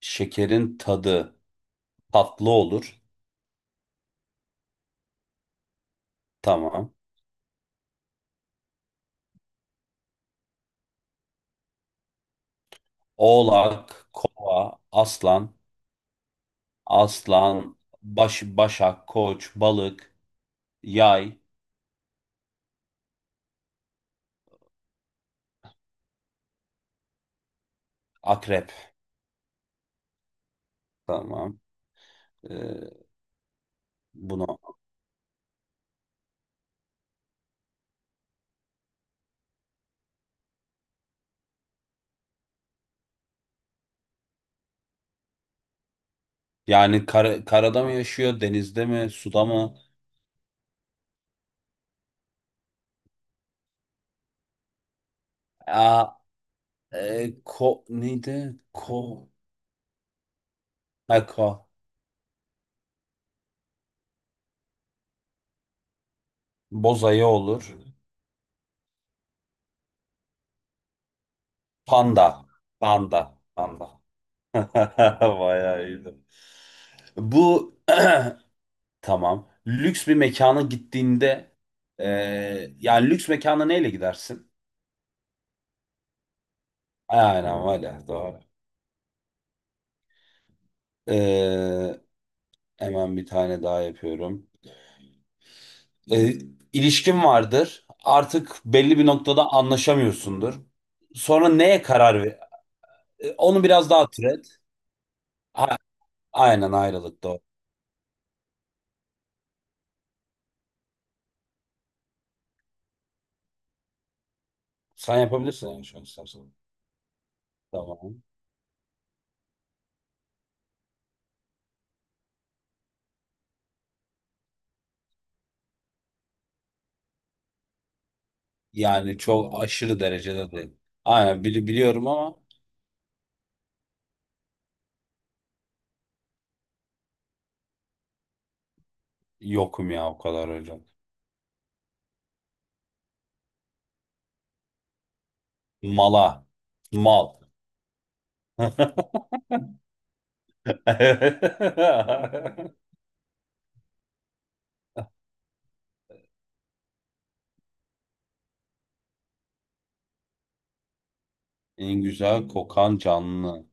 Şekerin tadı tatlı olur. Tamam. Oğlak, kova, aslan, aslan, başak, koç, balık, yay, akrep. Tamam. Ee, bunu yani karada mı yaşıyor, denizde mi, suda mı? Aa, ko neydi? Ko ha, ko boz ayı olur. Panda, panda, panda. Bayağı iyiydi. Bu Tamam. Lüks bir mekana gittiğinde yani lüks mekana neyle gidersin? Aynen öyle. Doğru. Eee, hemen bir tane daha yapıyorum. Eee ilişkin vardır. Artık belli bir noktada anlaşamıyorsundur. Sonra neye karar ver? Onu biraz daha türet. A- aynen ayrılık doğru. Sen yapabilirsin yani şu an istersen. Tamam. Yani çok aşırı derecede değil. Aynen biliyorum ama yokum ya o kadar öyle. Mala. Mal. En güzel kokan canlı.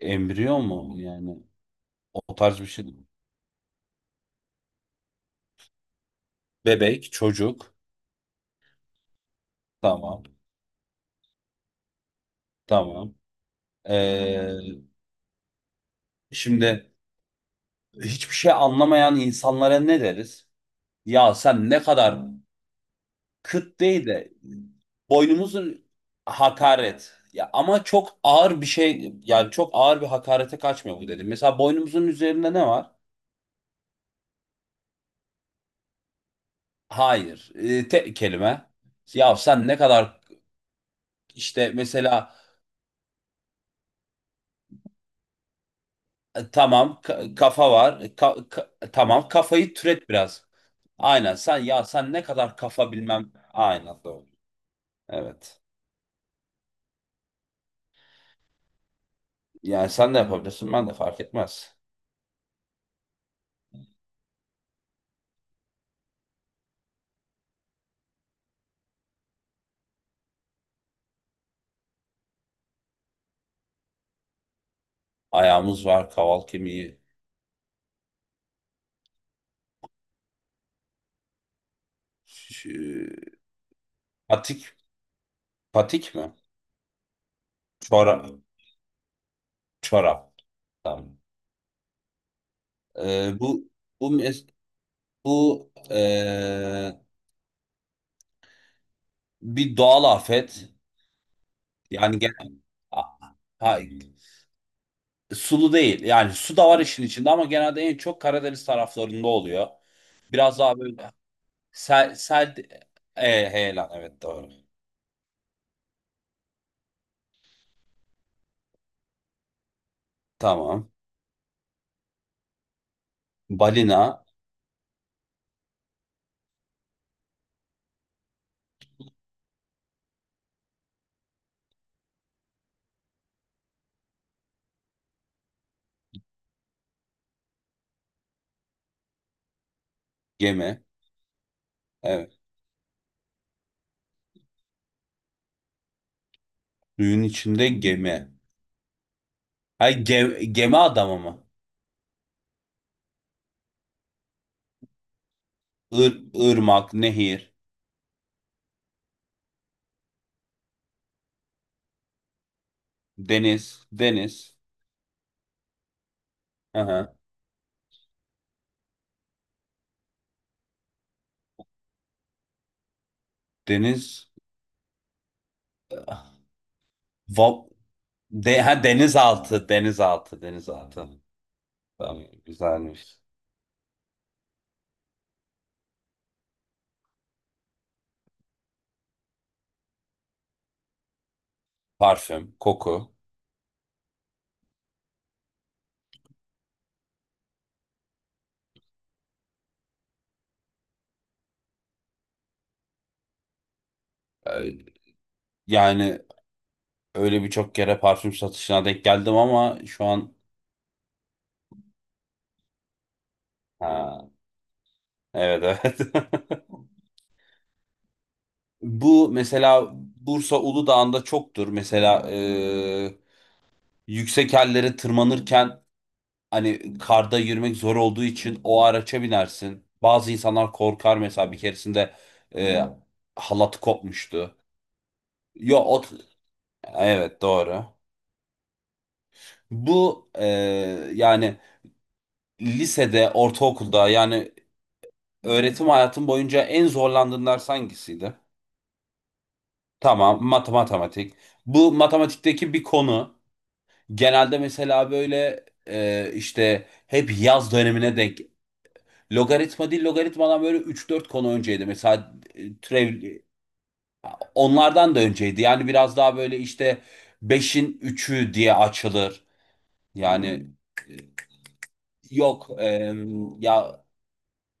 Embriyo mu? Yani o tarz bir şey. Bebek, çocuk. Tamam. Tamam. Ee, şimdi hiçbir şey anlamayan insanlara ne deriz? Ya sen ne kadar kıt değil de boynumuzun hakaret. Ya ama çok ağır bir şey yani çok ağır bir hakarete kaçmıyor bu dedim. Mesela boynumuzun üzerinde ne var? Hayır. Tek kelime. Ya sen ne kadar işte mesela tamam kafa var. Tamam kafayı türet biraz. Aynen sen ya sen ne kadar kafa bilmem. Aynen doğru. Evet. Yani sen de yapabilirsin ben de fark etmez. Ayağımız var, kaval kemiği. Ş- Patik, patik mi? Çorap. Çorap. Tamam. E, bu bu mes- bu bir doğal afet. Yani genel. Ha, sulu değil. Yani su da var işin içinde ama genelde en çok Karadeniz taraflarında oluyor. Biraz daha böyle sel, sel heyelan, evet doğru. Tamam. Balina, gemi. Evet. Suyun içinde gemi. Ha, gemi adamı mı? Ir, ırmak, nehir, deniz, deniz. Aha. Deniz, va, ha, denizaltı, denizaltı, denizaltı. Tamam, güzelmiş. Parfüm, koku. Ee, Yani öyle birçok kere parfüm satışına denk geldim ama şu an ha, evet, evet. Bu mesela Bursa Uludağ'ında çoktur. Mesela yüksek yerlere tırmanırken hani karda yürümek zor olduğu için o araça binersin. Bazı insanlar korkar mesela bir keresinde e, halatı kopmuştu. Yo o evet doğru. Bu yani lisede, ortaokulda yani öğretim hayatım boyunca en zorlandığın ders hangisiydi? Tamam, matematik. Bu matematikteki bir konu. Genelde mesela böyle işte hep yaz dönemine denk. Logaritma değil, logaritmadan böyle üç dört konu önceydi. Mesela türev onlardan da önceydi. Yani biraz daha böyle işte beşin üçü diye açılır. Yani hmm, yok, ya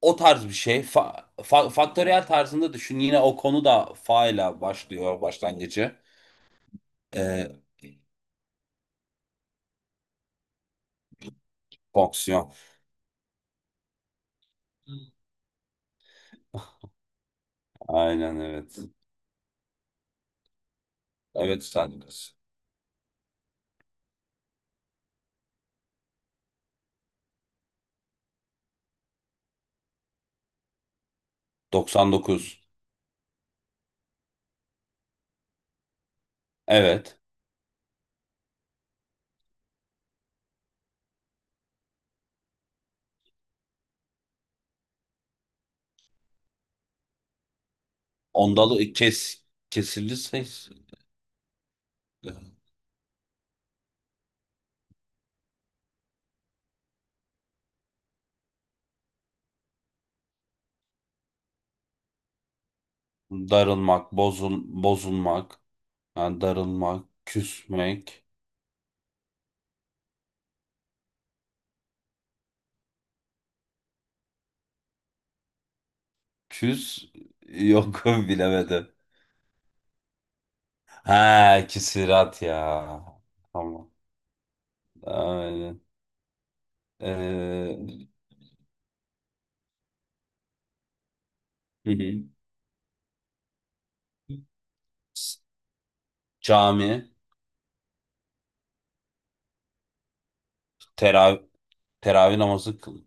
o tarz bir şey. Faktöriyel tarzında düşün. Yine o konu da fa ile başlıyor başlangıcı. E, fonksiyon. Aynen evet. Evet Stardust. 99. Evet. Ondalı kesildi ses. Darılmak, bozulmak, ha, darılmak, küsmek, küs yok, bilemedim. Ha, küsirat ya. Tamam. Aynen. Ee, hı hı. Cami, terav teravih namazı kıl.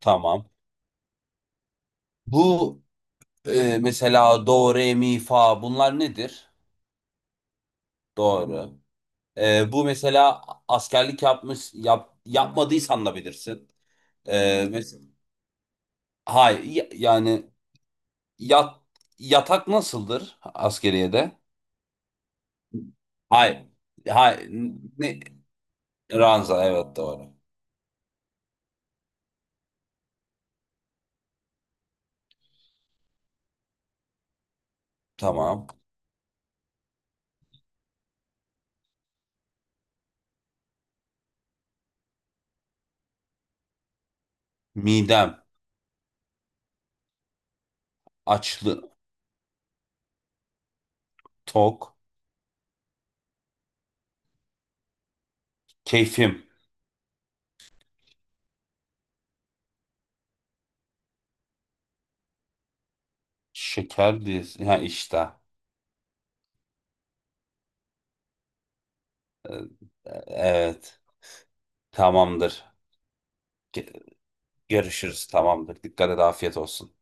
Tamam. Bu mesela do, re, mi, fa bunlar nedir? Doğru. Bu mesela askerlik yapmış yapmadıysan da bilirsin. Mes hayır yani, yat, yatak nasıldır askeriyede? Hayır. Hayır. Ne? Ranza, evet doğru. Tamam. Midem, açlı tok, keyfim, şeker diyorsun. Ha işte. Ee, Evet. Tamamdır. Ge- Görüşürüz. Tamamdır. Dikkat et. Afiyet olsun.